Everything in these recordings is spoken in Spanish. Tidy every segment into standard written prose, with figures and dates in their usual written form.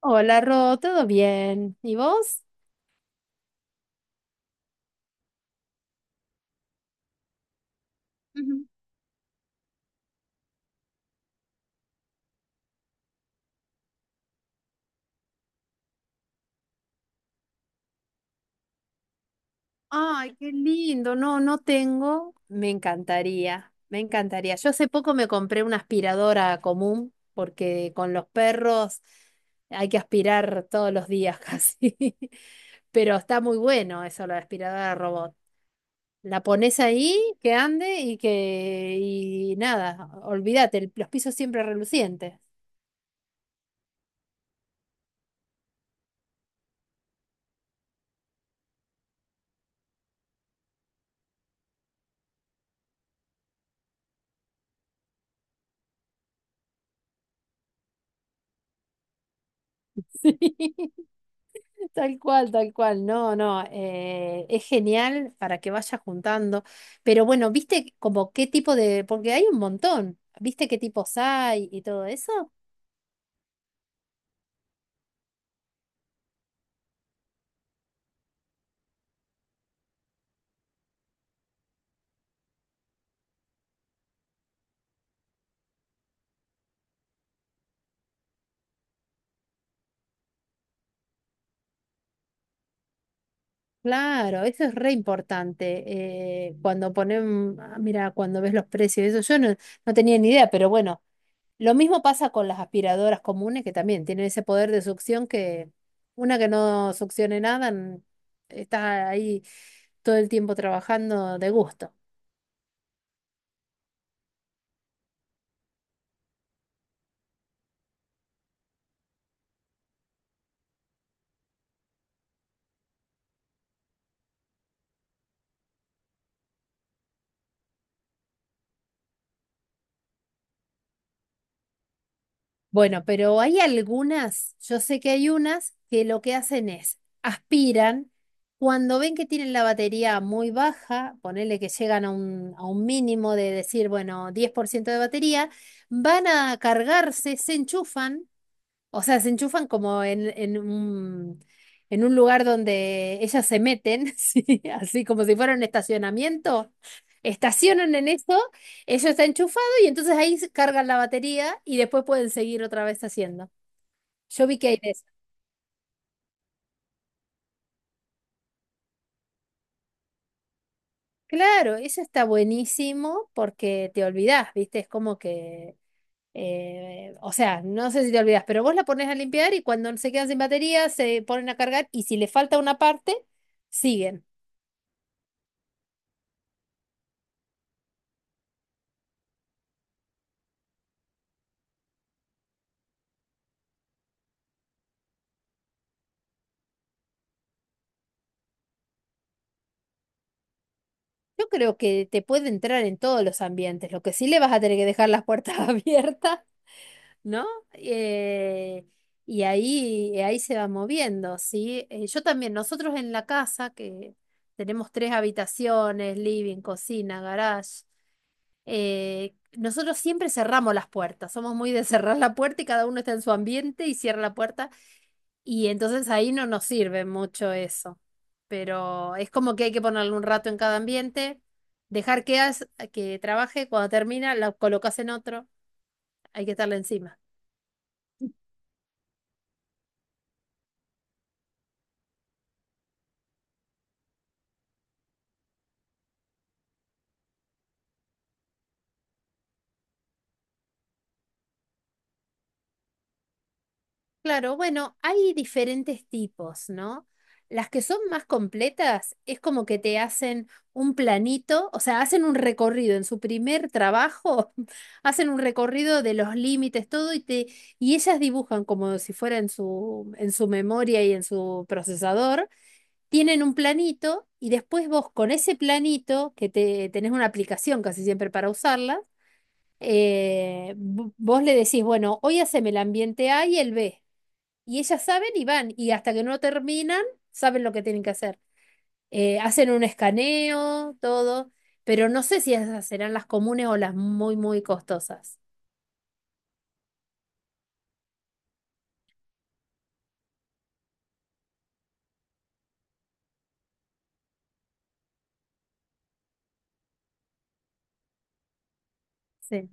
Hola, Ro, ¿todo bien? ¿Y vos? Ujú. Ay, qué lindo. No, no tengo. Me encantaría, me encantaría. Yo hace poco me compré una aspiradora común porque con los perros hay que aspirar todos los días casi. Pero está muy bueno eso, la aspiradora robot. La pones ahí, que ande y que... Y nada, olvídate, los pisos siempre relucientes. Sí. Tal cual, tal cual. No, no, es genial para que vayas juntando. Pero bueno, ¿viste como qué tipo de...? Porque hay un montón. ¿Viste qué tipos hay y todo eso? Claro, eso es re importante. Cuando ponen... Ah, mira, cuando ves los precios, eso yo no tenía ni idea, pero bueno, lo mismo pasa con las aspiradoras comunes que también tienen ese poder de succión que una que no succione nada está ahí todo el tiempo trabajando de gusto. Bueno, pero hay algunas, yo sé que hay unas que lo que hacen es aspiran, cuando ven que tienen la batería muy baja, ponele que llegan a un mínimo de decir, bueno, 10% de batería, van a cargarse, se enchufan, o sea, se enchufan como en un lugar donde ellas se meten, ¿sí? Así como si fuera un estacionamiento. Estacionan en eso, ellos está enchufado y entonces ahí se cargan la batería y después pueden seguir otra vez haciendo. Yo vi que hay de eso. Claro, eso está buenísimo porque te olvidás, ¿viste? Es como que, o sea, no sé si te olvidás, pero vos la pones a limpiar y cuando se quedan sin batería se ponen a cargar y si le falta una parte, siguen. Yo creo que te puede entrar en todos los ambientes, lo que sí le vas a tener que dejar las puertas abiertas, ¿no? Eh, y ahí, ahí se va moviendo, ¿sí? Yo también, nosotros en la casa, que tenemos tres habitaciones, living, cocina, garage, nosotros siempre cerramos las puertas, somos muy de cerrar la puerta y cada uno está en su ambiente y cierra la puerta y entonces ahí no nos sirve mucho eso. Pero es como que hay que ponerle un rato en cada ambiente, dejar que, que trabaje, cuando termina la colocas en otro, hay que estarle encima. Claro, bueno, hay diferentes tipos, ¿no? Las que son más completas es como que te hacen un planito, o sea, hacen un recorrido en su primer trabajo, hacen un recorrido de los límites, todo, y ellas dibujan como si fuera en su memoria y en su procesador tienen un planito y después vos con ese planito, tenés una aplicación casi siempre para usarla, vos le decís, bueno, hoy haceme el ambiente A y el B. Y ellas saben y van, y hasta que no terminan, saben lo que tienen que hacer. Hacen un escaneo, todo, pero no sé si esas serán las comunes o las muy, muy costosas. Sí.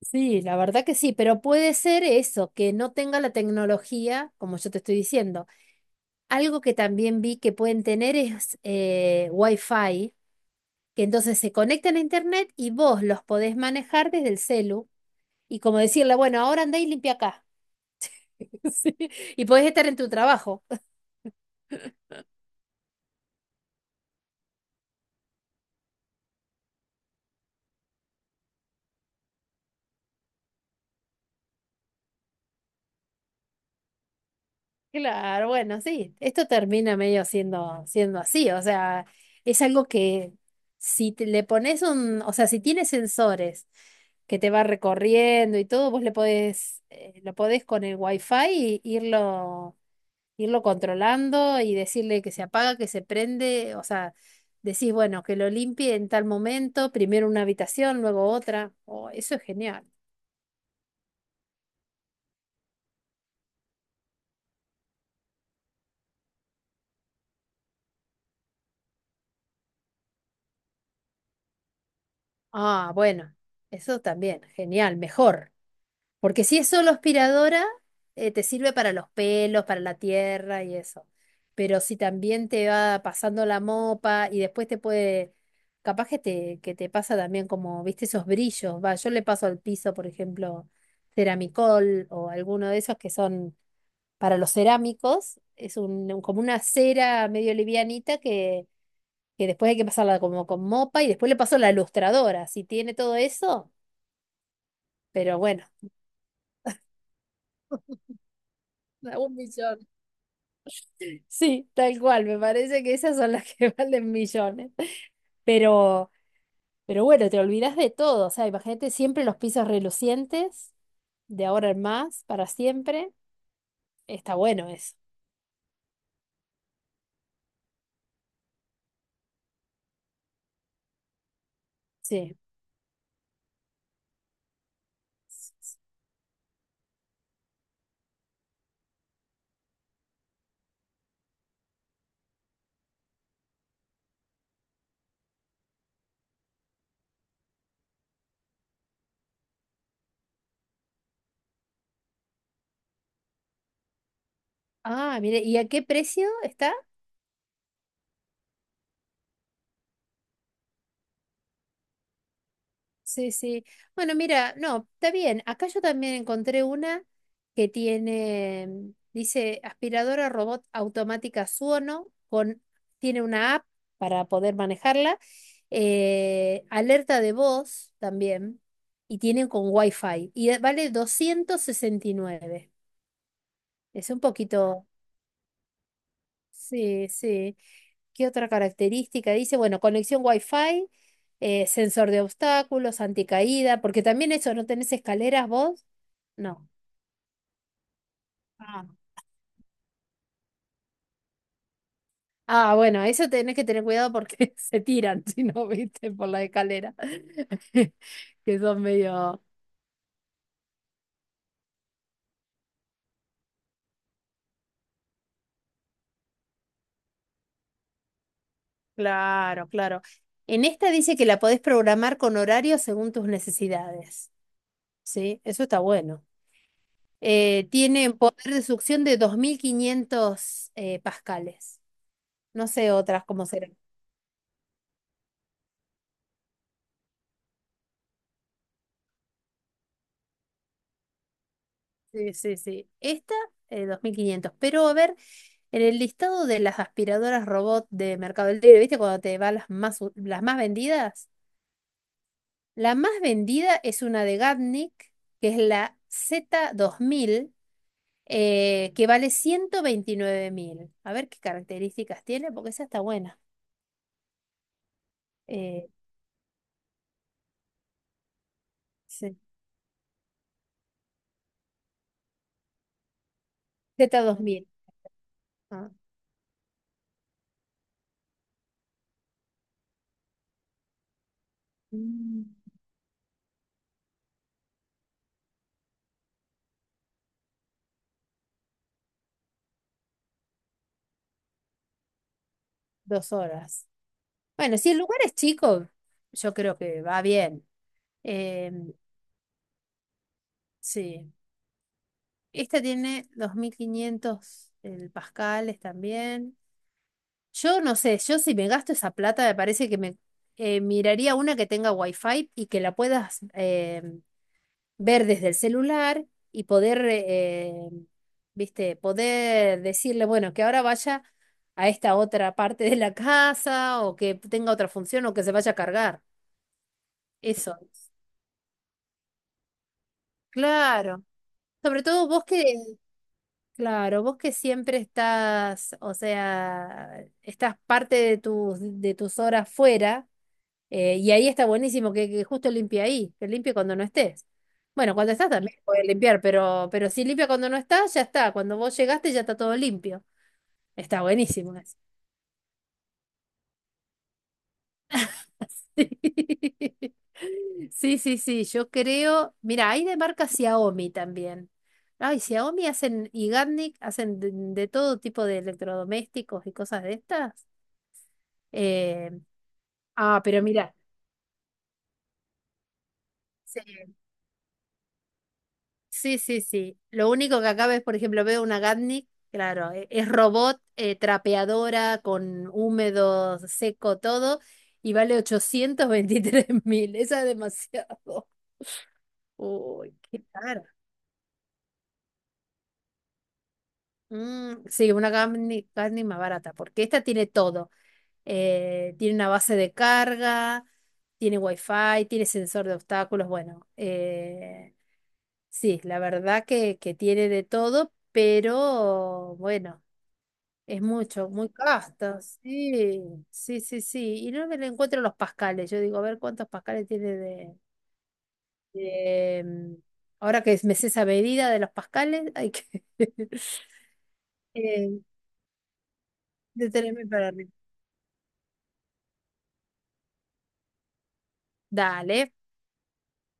Sí, la verdad que sí, pero puede ser eso, que no tenga la tecnología, como yo te estoy diciendo. Algo que también vi que pueden tener es Wi-Fi, que entonces se conectan a internet y vos los podés manejar desde el celu y como decirle, bueno, ahora andá y limpia acá. Sí, y podés estar en tu trabajo. Claro, bueno, sí, esto termina medio siendo, siendo así, o sea, es algo que si le pones un, o sea, si tienes sensores que te va recorriendo y todo, vos le podés, lo podés con el Wi-Fi y irlo controlando y decirle que se apaga, que se prende, o sea, decís, bueno, que lo limpie en tal momento, primero una habitación, luego otra. Oh, eso es genial. Ah, bueno, eso también, genial, mejor. Porque si es solo aspiradora, te sirve para los pelos, para la tierra y eso. Pero si también te va pasando la mopa y después te puede, capaz que te pasa también como, viste, esos brillos. Va, yo le paso al piso, por ejemplo, ceramicol o alguno de esos que son para los cerámicos. Es como una cera medio livianita que después hay que pasarla como con mopa y después le paso la lustradora. Si tiene todo eso, pero bueno, un millón. Sí, tal cual, me parece que esas son las que valen millones. Pero, te olvidas de todo, o sea, imagínate siempre los pisos relucientes, de ahora en más, para siempre. Está bueno eso. Sí. Ah, mire, ¿y a qué precio está? Sí, sí. Bueno, mira, no, está bien. Acá yo también encontré una que tiene, dice aspiradora robot automática Suono, con, tiene una app para poder manejarla, alerta de voz también, y tiene con Wi-Fi, y vale 269. Es un poquito. Sí, sí. ¿Qué otra característica? Dice, bueno, conexión Wi-Fi, sensor de obstáculos, anticaída, porque también eso, ¿no tenés escaleras vos? No. Ah. Ah, bueno, eso tenés que tener cuidado porque se tiran, si no, viste, por la escalera. Que son medio... Claro, claro. En esta dice que la podés programar con horario según tus necesidades. Sí, eso está bueno. Tiene poder de succión de 2.500 pascales. No sé otras cómo serán. Sí, sí, sí. Esta, 2.500. Pero a ver, en el listado de las aspiradoras robot de Mercado Libre, ¿viste? Cuando te va las más, las más vendidas. La más vendida es una de Gatnik, que es la Z2000, que vale 129.000. A ver qué características tiene, porque esa está buena. Eh, sí. Z2000. Ah, mm, dos horas. Bueno, si el lugar es chico, yo creo que va bien. Eh, sí. Esta tiene 2.500 el pascales también. Yo no sé, yo si me gasto esa plata me parece que me miraría una que tenga wifi y que la puedas ver desde el celular y poder, viste, poder decirle, bueno, que ahora vaya a esta otra parte de la casa o que tenga otra función o que se vaya a cargar. Eso. Claro. Sobre todo vos que... Claro, vos que siempre estás, o sea, estás parte de tus horas fuera, y ahí está buenísimo que justo limpie ahí, que limpie cuando no estés. Bueno, cuando estás también puedes limpiar, pero, si limpia cuando no estás, ya está. Cuando vos llegaste ya está todo limpio. Está buenísimo eso. Sí, sí, sí, sí, yo creo. Mira, hay de marca Xiaomi también. Ay, Xiaomi hacen, y Garnic hacen de todo tipo de electrodomésticos y cosas de estas. Eh, ah, pero mira, sí, sí, sí, sí. Lo único que acá ves, por ejemplo, veo una Gatnik, claro, es robot, trapeadora, con húmedo, seco, todo, y vale 823.000. Esa es demasiado. Uy, qué cara. Mm, sí, una Gatnik, Gatnik más barata, porque esta tiene todo. Tiene una base de carga, tiene wifi, tiene sensor de obstáculos, bueno. Sí, la verdad que tiene de todo, pero bueno, es mucho, muy casta. Sí, sí, sí, sí. Y no me le encuentro los pascales. Yo digo, a ver cuántos pascales tiene de, mm, ahora que me sé esa medida de los pascales, hay que eh, detenerme para arriba. Dale.